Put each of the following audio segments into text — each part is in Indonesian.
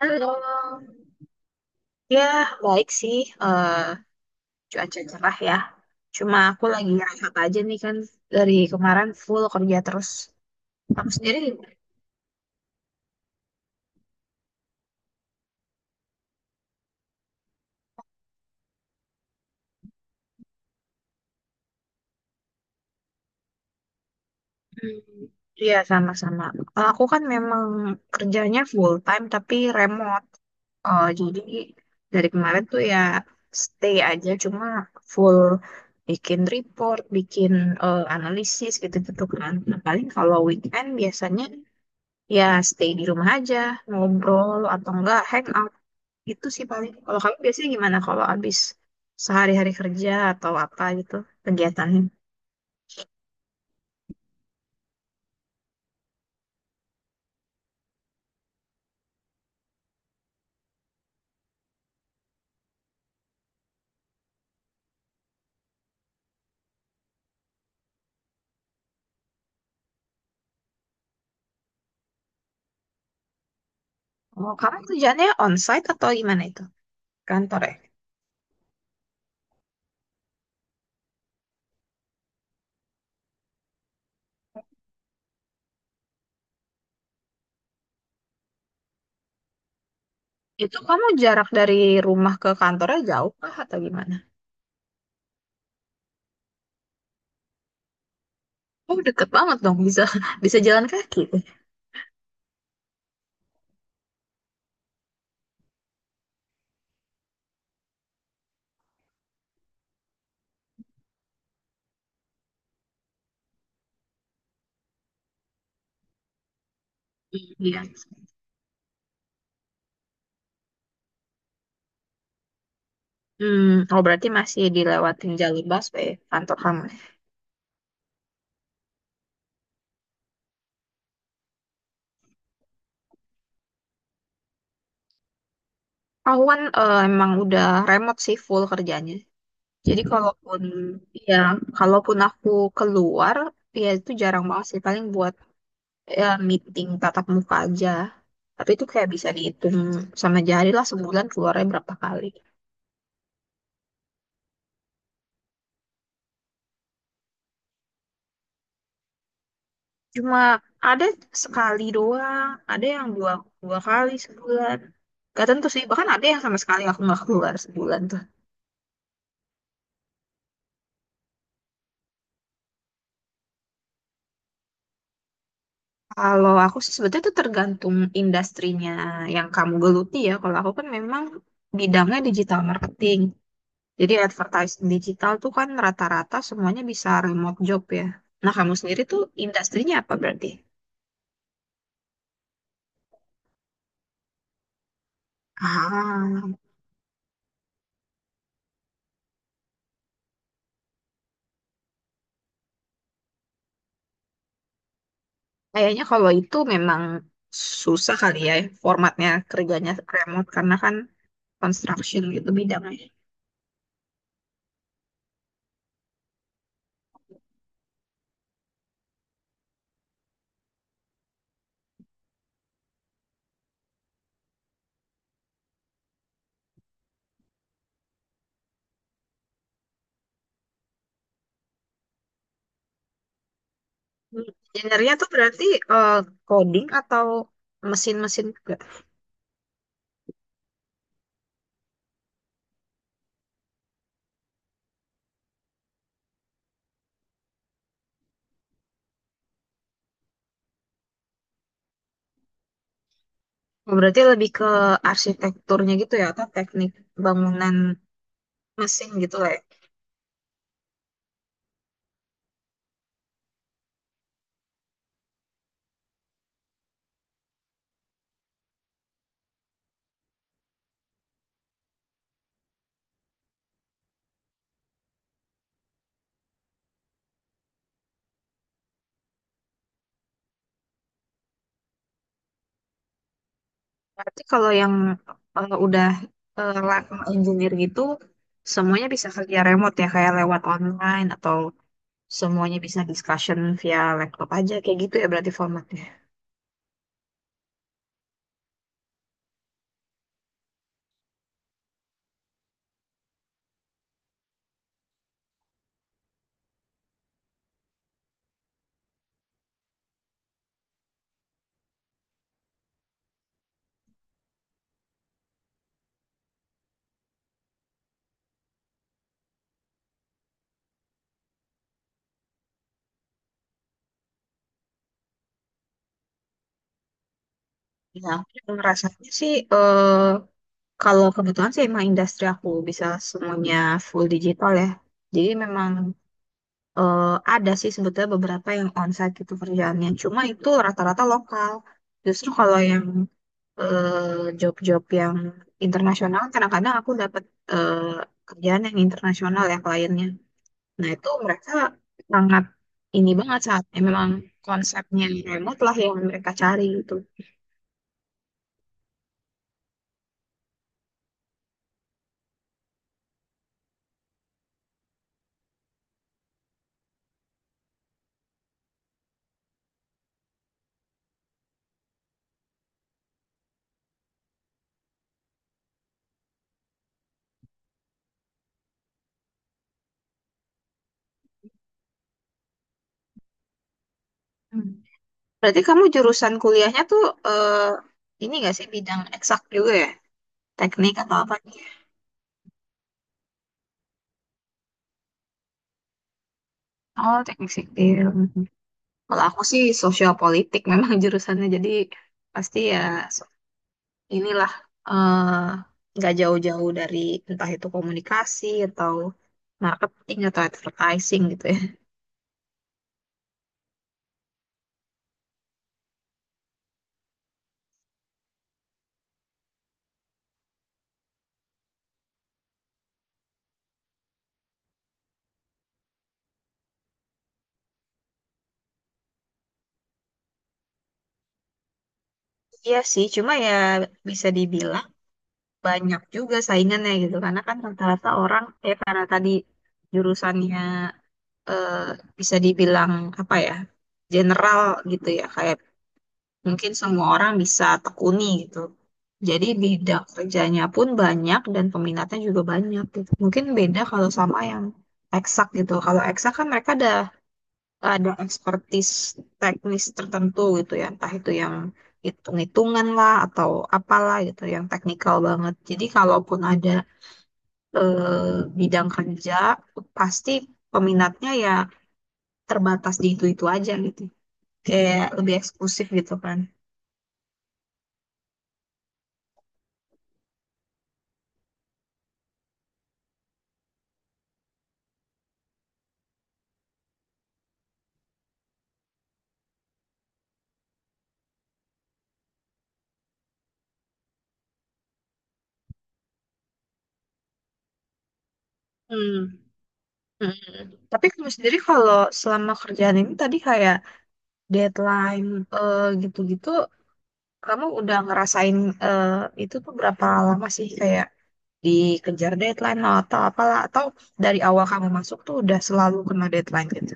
Halo, ya baik sih, eh cuaca cerah ya. Cuma aku lagi rehat aja nih kan dari kemarin full kerja terus. Kamu sendiri? Hmm, iya sama-sama. Aku kan memang kerjanya full time tapi remote. Eh, jadi dari kemarin tuh ya stay aja cuma full bikin report, bikin analisis gitu-gitu kan. Nah, paling kalau weekend biasanya ya stay di rumah aja ngobrol atau enggak hangout itu sih. Paling kalau kamu biasanya gimana kalau habis sehari-hari kerja atau apa gitu kegiatannya. Oh kamu kerjaannya onsite atau gimana itu, kantor ya? Itu kamu jarak dari rumah ke kantornya jauh kah atau gimana? Oh deket banget dong, bisa bisa jalan kaki. Iya. Hmm, oh berarti masih dilewatin jalur busway kantor kamu. Kawan emang udah remote sih full kerjanya. Jadi kalaupun ya, kalaupun aku keluar ya itu jarang banget sih, paling buat ya, meeting tatap muka aja. Tapi itu kayak bisa dihitung sama jari lah sebulan keluarnya berapa kali. Cuma ada sekali doang, ada yang dua, dua kali sebulan. Gak tentu sih, bahkan ada yang sama sekali aku nggak keluar sebulan tuh. Kalau aku sih sebetulnya itu tergantung industrinya yang kamu geluti ya. Kalau aku kan memang bidangnya digital marketing. Jadi advertising digital tuh kan rata-rata semuanya bisa remote job ya. Nah, kamu sendiri tuh industrinya apa berarti? Ah, kayaknya kalau itu memang susah kali ya formatnya kerjanya remote karena kan construction gitu bidangnya. Hmm, engineer-nya tuh berarti eh, coding atau mesin-mesin juga. Oh, berarti lebih ke arsitekturnya gitu ya atau teknik bangunan mesin gitu lah ya. Berarti kalau yang udah lab engineer gitu, semuanya bisa kerja remote ya, kayak lewat online atau semuanya bisa discussion via laptop aja, kayak gitu ya berarti formatnya. Ya, aku ngerasanya sih kalau kebetulan sih emang industri aku bisa semuanya full digital ya. Jadi memang eh, ada sih sebetulnya beberapa yang onsite gitu kerjaannya. Cuma itu rata-rata lokal. Justru kalau yang job-job yang internasional kadang-kadang aku dapat eh, kerjaan yang internasional ya kliennya. Nah itu mereka sangat ini banget saat ya, memang konsepnya remote lah yang mereka cari gitu. Hmm. Berarti kamu jurusan kuliahnya tuh eh, ini gak sih, bidang eksak juga ya? Teknik atau apa gitu? Oh, teknik sipil. Mhm. Kalau aku sih sosial politik memang jurusannya, jadi pasti ya inilah eh, nggak jauh-jauh dari entah itu komunikasi atau marketing atau advertising gitu ya. Iya sih, cuma ya bisa dibilang banyak juga saingannya gitu karena kan rata-rata orang ya karena tadi jurusannya eh, bisa dibilang apa ya, general gitu ya, kayak mungkin semua orang bisa tekuni gitu. Jadi bidang kerjanya pun banyak dan peminatnya juga banyak gitu. Mungkin beda kalau sama yang eksak gitu. Kalau eksak kan mereka ada expertise teknis tertentu gitu ya, entah itu yang hitung-hitungan lah atau apalah gitu yang teknikal banget. Jadi kalaupun ada bidang kerja pasti peminatnya ya terbatas di itu-itu aja gitu. Kayak lebih eksklusif gitu kan. Hmm. Mm. Tapi kamu sendiri kalau selama kerjaan ini tadi kayak deadline gitu-gitu, kamu udah ngerasain eh, itu tuh berapa lama sih kayak dikejar deadline lah atau apalah, atau dari awal kamu masuk tuh udah selalu kena deadline gitu.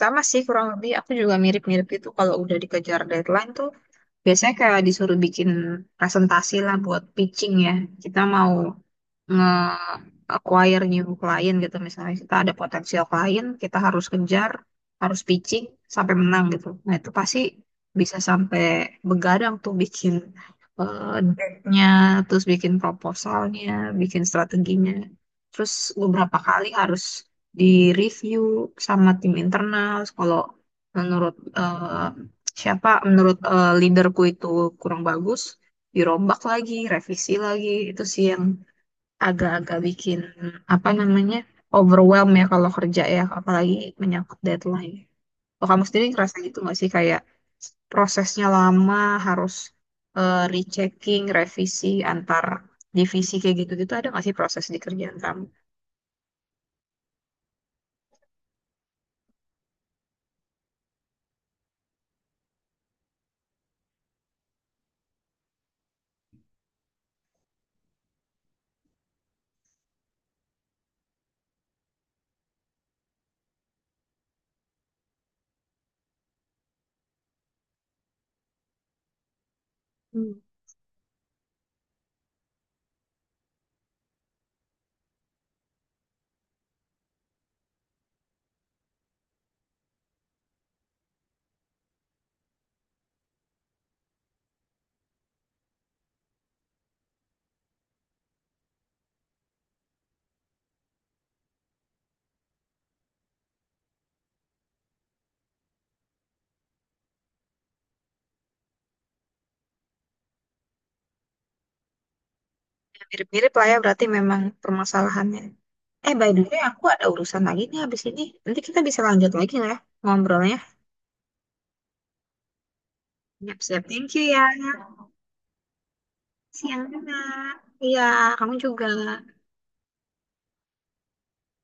Sama sih kurang lebih aku juga mirip-mirip itu, kalau udah dikejar deadline tuh biasanya kayak disuruh bikin presentasi lah buat pitching ya. Kita mau nge-acquire new client gitu, misalnya kita ada potensial klien, kita harus kejar, harus pitching sampai menang gitu. Nah itu pasti bisa sampai begadang tuh bikin deck-nya, terus bikin proposalnya, bikin strateginya, terus beberapa kali harus di-review sama tim internal. Kalau menurut eh, leaderku itu kurang bagus, dirombak lagi, revisi lagi, itu sih yang agak-agak bikin apa namanya overwhelm ya kalau kerja ya, apalagi menyangkut deadline. Kalau kamu sendiri ngerasa gitu nggak sih kayak prosesnya lama, harus rechecking revisi antar divisi kayak gitu-gitu, ada nggak sih proses di kerjaan kamu? Hmm. Ya, mirip-mirip lah ya berarti memang permasalahannya. Eh by the way aku ada urusan lagi nih habis ini, nanti kita bisa lanjut lagi nggak ya ngobrolnya. Siap-siap. Thank you ya. Siang juga. Iya, kamu juga.